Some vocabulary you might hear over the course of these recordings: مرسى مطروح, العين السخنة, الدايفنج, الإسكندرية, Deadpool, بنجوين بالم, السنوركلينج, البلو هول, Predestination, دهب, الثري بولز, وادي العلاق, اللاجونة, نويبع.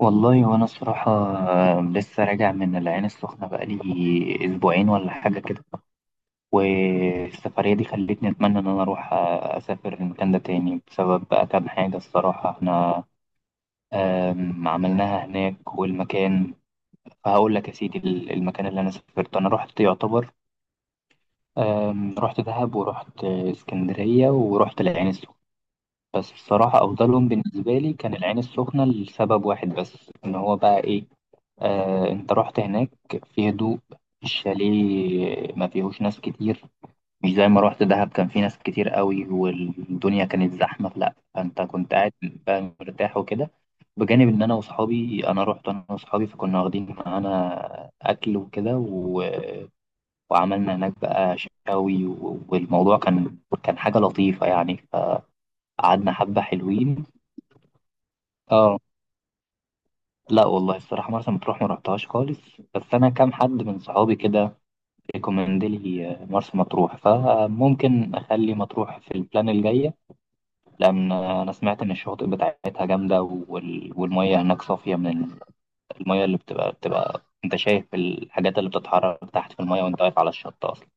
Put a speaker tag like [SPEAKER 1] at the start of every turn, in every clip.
[SPEAKER 1] والله وانا الصراحة لسه راجع من العين السخنة بقالي اسبوعين ولا حاجة كده. والسفرية دي خلتني اتمنى ان انا اروح اسافر المكان ده تاني بسبب بقى كام حاجة الصراحة. احنا عملناها هناك والمكان، فهقول لك يا سيدي المكان اللي انا سافرته انا رحت يعتبر، رحت دهب ورحت اسكندرية ورحت العين السخنة. بس الصراحة أفضلهم بالنسبة لي كان العين السخنة لسبب واحد بس، إن هو بقى إيه؟ انت رحت هناك في هدوء، الشاليه ما فيهوش ناس كتير، مش زي ما رحت دهب كان في ناس كتير قوي والدنيا كانت زحمة، لا، فانت كنت قاعد بقى مرتاح وكده. بجانب ان انا واصحابي، انا رحت انا واصحابي فكنا واخدين معانا اكل وكده وعملنا هناك بقى شاوي والموضوع كان حاجة لطيفة يعني، فقعدنا حبة حلوين. اه. لا والله الصراحة مرسى مطروح ما رحتهاش خالص، بس أنا كام حد من صحابي كده ريكومند لي مرسى مطروح، فممكن اخلي مطروح في البلان الجايه، لان انا سمعت ان الشواطئ بتاعتها جامده والميه هناك صافيه، من الميه اللي بتبقى انت شايف الحاجات اللي بتتحرك تحت في الميه وانت واقف على الشط اصلا.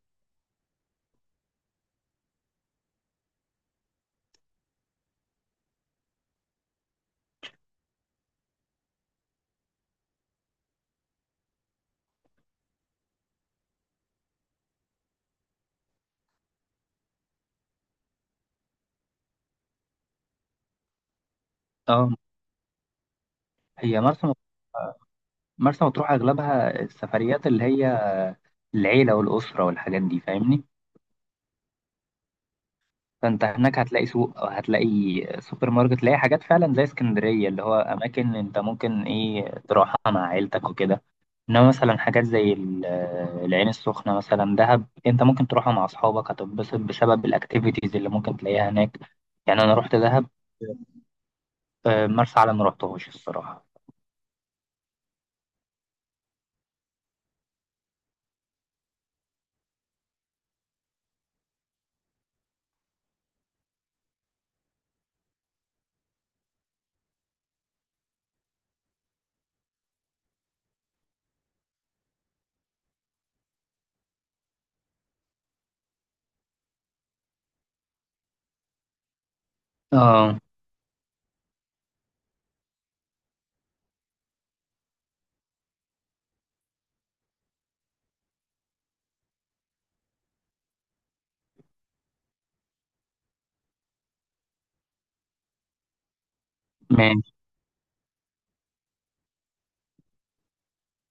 [SPEAKER 1] اه. هي مرسى مطروح اغلبها السفريات اللي هي العيله والاسره والحاجات دي، فاهمني؟ فانت هناك هتلاقي سوق او هتلاقي سوبر ماركت، تلاقي حاجات فعلا زي اسكندريه، اللي هو اماكن انت ممكن ايه، تروحها مع عيلتك وكده. انما مثلا حاجات زي العين السخنه مثلا، دهب، انت ممكن تروحها مع اصحابك، هتتبسط بسبب الاكتيفيتيز اللي ممكن تلاقيها هناك. يعني انا رحت دهب. مرسى علم ما رحتهوش الصراحه. اه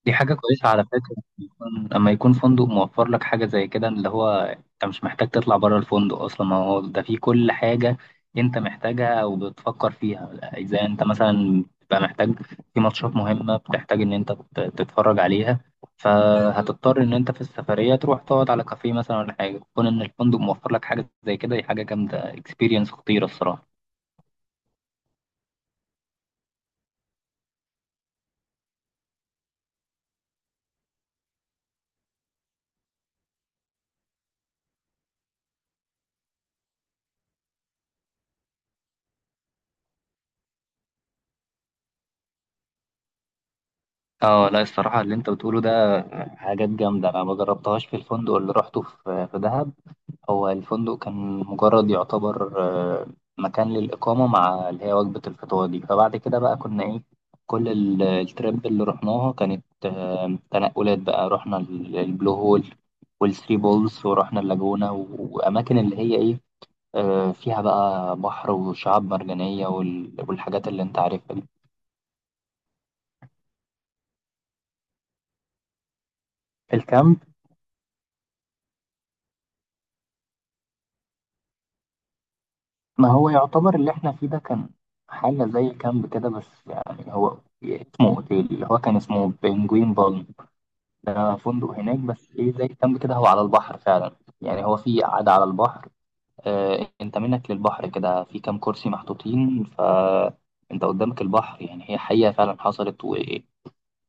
[SPEAKER 1] دي حاجة كويسة على فكرة، لما يكون فندق موفر لك حاجة زي كده، اللي هو انت مش محتاج تطلع بره الفندق اصلا، ما هو ده فيه كل حاجة انت محتاجها او بتفكر فيها. اذا انت مثلا بتبقى محتاج، في ماتشات مهمة بتحتاج ان انت تتفرج عليها، فهتضطر ان انت في السفرية تروح تقعد على كافيه مثلا ولا حاجة، كون ان الفندق موفر لك حاجة زي كده، دي حاجة جامدة، اكسبيرينس خطيرة الصراحة. اه لا، الصراحة اللي انت بتقوله ده حاجات جامدة انا ما جربتهاش في الفندق اللي روحته في دهب. هو الفندق كان مجرد يعتبر آه، مكان للإقامة مع اللي هي وجبة الفطار دي، فبعد كده بقى كنا إيه، كل التريب اللي رحناها كانت تنقلات بقى، رحنا البلو هول والثري بولز، ورحنا اللاجونة وأماكن اللي هي إيه، فيها بقى بحر وشعاب مرجانية والحاجات اللي أنت عارفها دي. الكامب؟ ما هو يعتبر اللي إحنا فيه ده كان حاجة زي الكامب كده، بس يعني هو اسمه أوتيل، اللي هو كان اسمه بنجوين بالم، ده فندق هناك بس ايه، زي كامب كده، هو على البحر فعلا. يعني هو في قعدة على البحر، آه، انت منك للبحر كده في كام كرسي محطوطين، فانت قدامك البحر، يعني هي حقيقة فعلا حصلت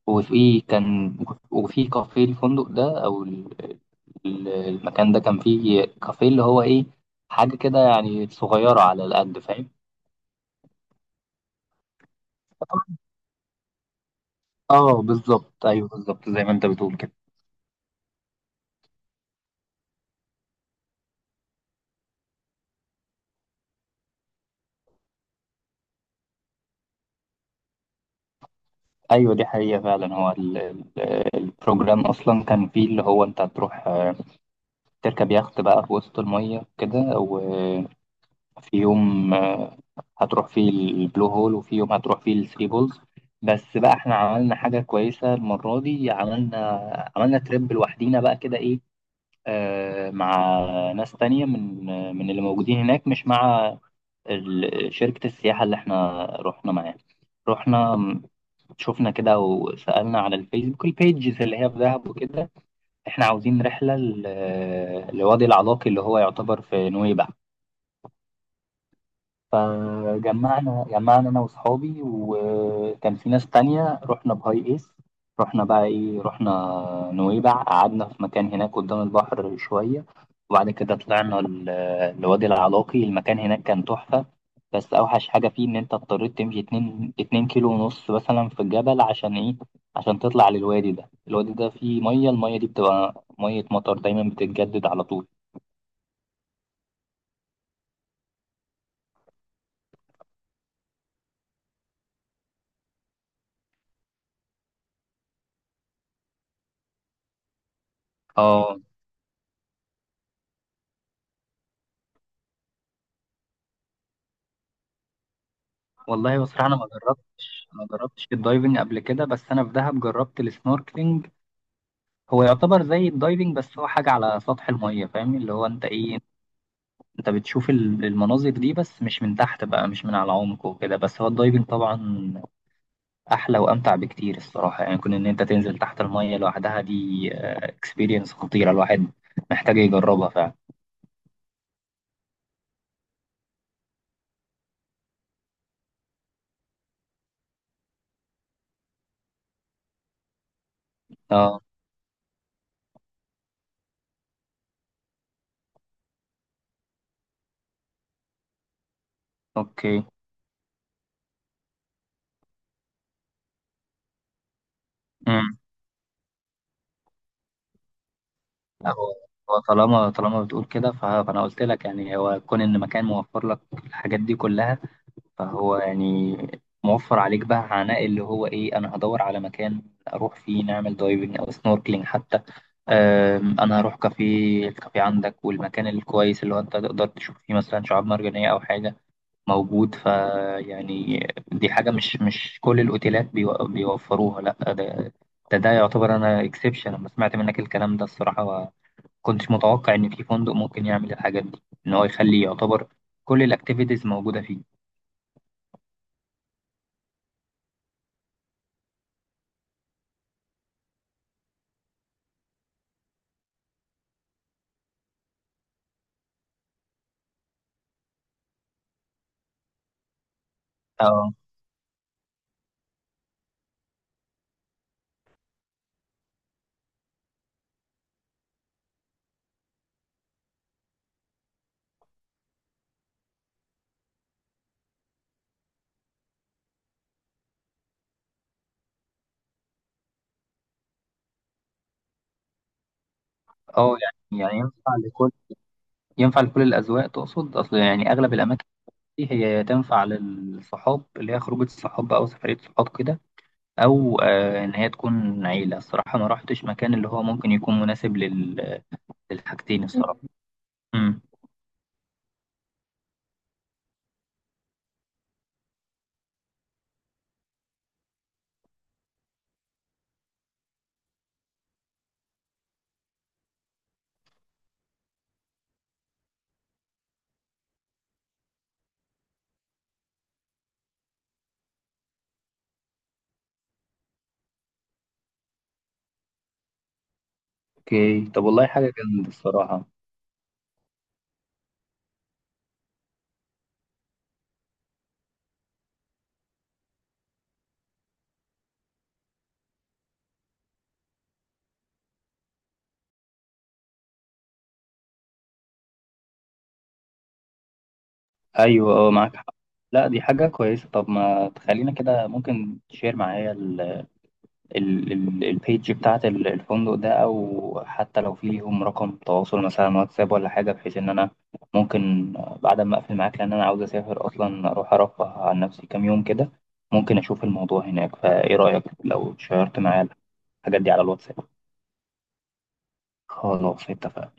[SPEAKER 1] وفي كان، وفي كافيه الفندق ده او المكان ده، كان فيه كافيه اللي هو ايه، حاجة كده يعني صغيرة على القد، فاهم؟ اه بالظبط، ايوه بالظبط زي ما انت بتقول كده. ايوه دي حقيقة فعلا، هو البروجرام اصلا كان فيه اللي هو انت هتروح تركب يخت بقى في وسط المية كده، وفي يوم هتروح فيه البلو هول، وفي يوم هتروح فيه الثري بولز. بس بقى احنا عملنا حاجة كويسة المرة دي، عملنا تريب لوحدينا بقى كده، ايه، مع ناس تانية من اللي موجودين هناك، مش مع شركة السياحة اللي احنا رحنا معاها. رحنا شفنا كده وسألنا على الفيسبوك البيجز اللي هي في دهب وكده، احنا عاوزين رحلة لوادي العلاق اللي هو يعتبر في نويبع. فجمعنا انا واصحابي، وكان في ناس تانية، رحنا بهاي ايس، رحنا بقى ايه، رحنا نويبع، قعدنا في مكان هناك قدام البحر شوية، وبعد كده طلعنا لوادي العلاقي، المكان هناك كان تحفة. بس اوحش حاجة فيه ان انت اضطريت تمشي اتنين كيلو ونص مثلا في الجبل عشان ايه، عشان تطلع للوادي ده، الوادي ده فيه مية، المية دي بتبقى مية مطر دايما، بتتجدد على طول. اه. والله بصراحة أنا ما جربتش الدايفنج قبل كده، بس أنا في دهب جربت السنوركلينج، هو يعتبر زي الدايفنج بس هو حاجة على سطح المية، فاهم؟ اللي هو أنت إيه، أنت بتشوف المناظر دي بس مش من تحت بقى، مش من على عمق وكده، بس هو الدايفنج طبعا أحلى وأمتع بكتير الصراحة، يعني كون إن أنت تنزل تحت المية لوحدها دي اكسبيرينس خطيرة، الواحد محتاج يجربها فعلا. أه. أوكي. لا، هو طالما بتقول كده، فانا قلت لك يعني، هو كون ان مكان موفر لك الحاجات دي كلها، فهو يعني موفر عليك بقى عناء اللي هو ايه، انا هدور على مكان اروح فيه نعمل دايفنج او سنوركلينج حتى. انا هروح كافيه، الكافيه عندك والمكان الكويس اللي هو انت تقدر تشوف فيه مثلا شعاب مرجانية او حاجة موجود، ف يعني دي حاجة مش كل الاوتيلات بيوفروها، لا ده، ده يعتبر انا اكسبشن، لما سمعت منك الكلام ده الصراحة كنتش متوقع إن في فندق ممكن يعمل الحاجات دي، إن هو يخلي يعتبر كل الأكتيفيتيز موجودة فيه. اه اه. يعني يعني ينفع لكل الأذواق، تقصد؟ أصل يعني أغلب الأماكن دي هي تنفع للصحاب، اللي هي خروجة صحاب أو سفرية صحاب كده، أو آه إن هي تكون عيلة، الصراحة ما رحتش مكان اللي هو ممكن يكون مناسب للحاجتين الصراحة. امم اوكي طب، والله حاجة جامدة الصراحة. أيوة اه معاك حق. لا دي حاجة كويسة، طب ما تخلينا كده ممكن تشير معايا البيج بتاعت الفندق ده، او حتى لو في ليهم رقم تواصل مثلا واتساب ولا حاجه، بحيث ان انا ممكن بعد ما اقفل معاك، لان انا عاوز اسافر اصلا، اروح ارفه عن نفسي كام يوم كده، ممكن اشوف الموضوع هناك، فايه رايك لو شيرت معايا الحاجات دي على الواتساب؟ خلاص اتفقنا.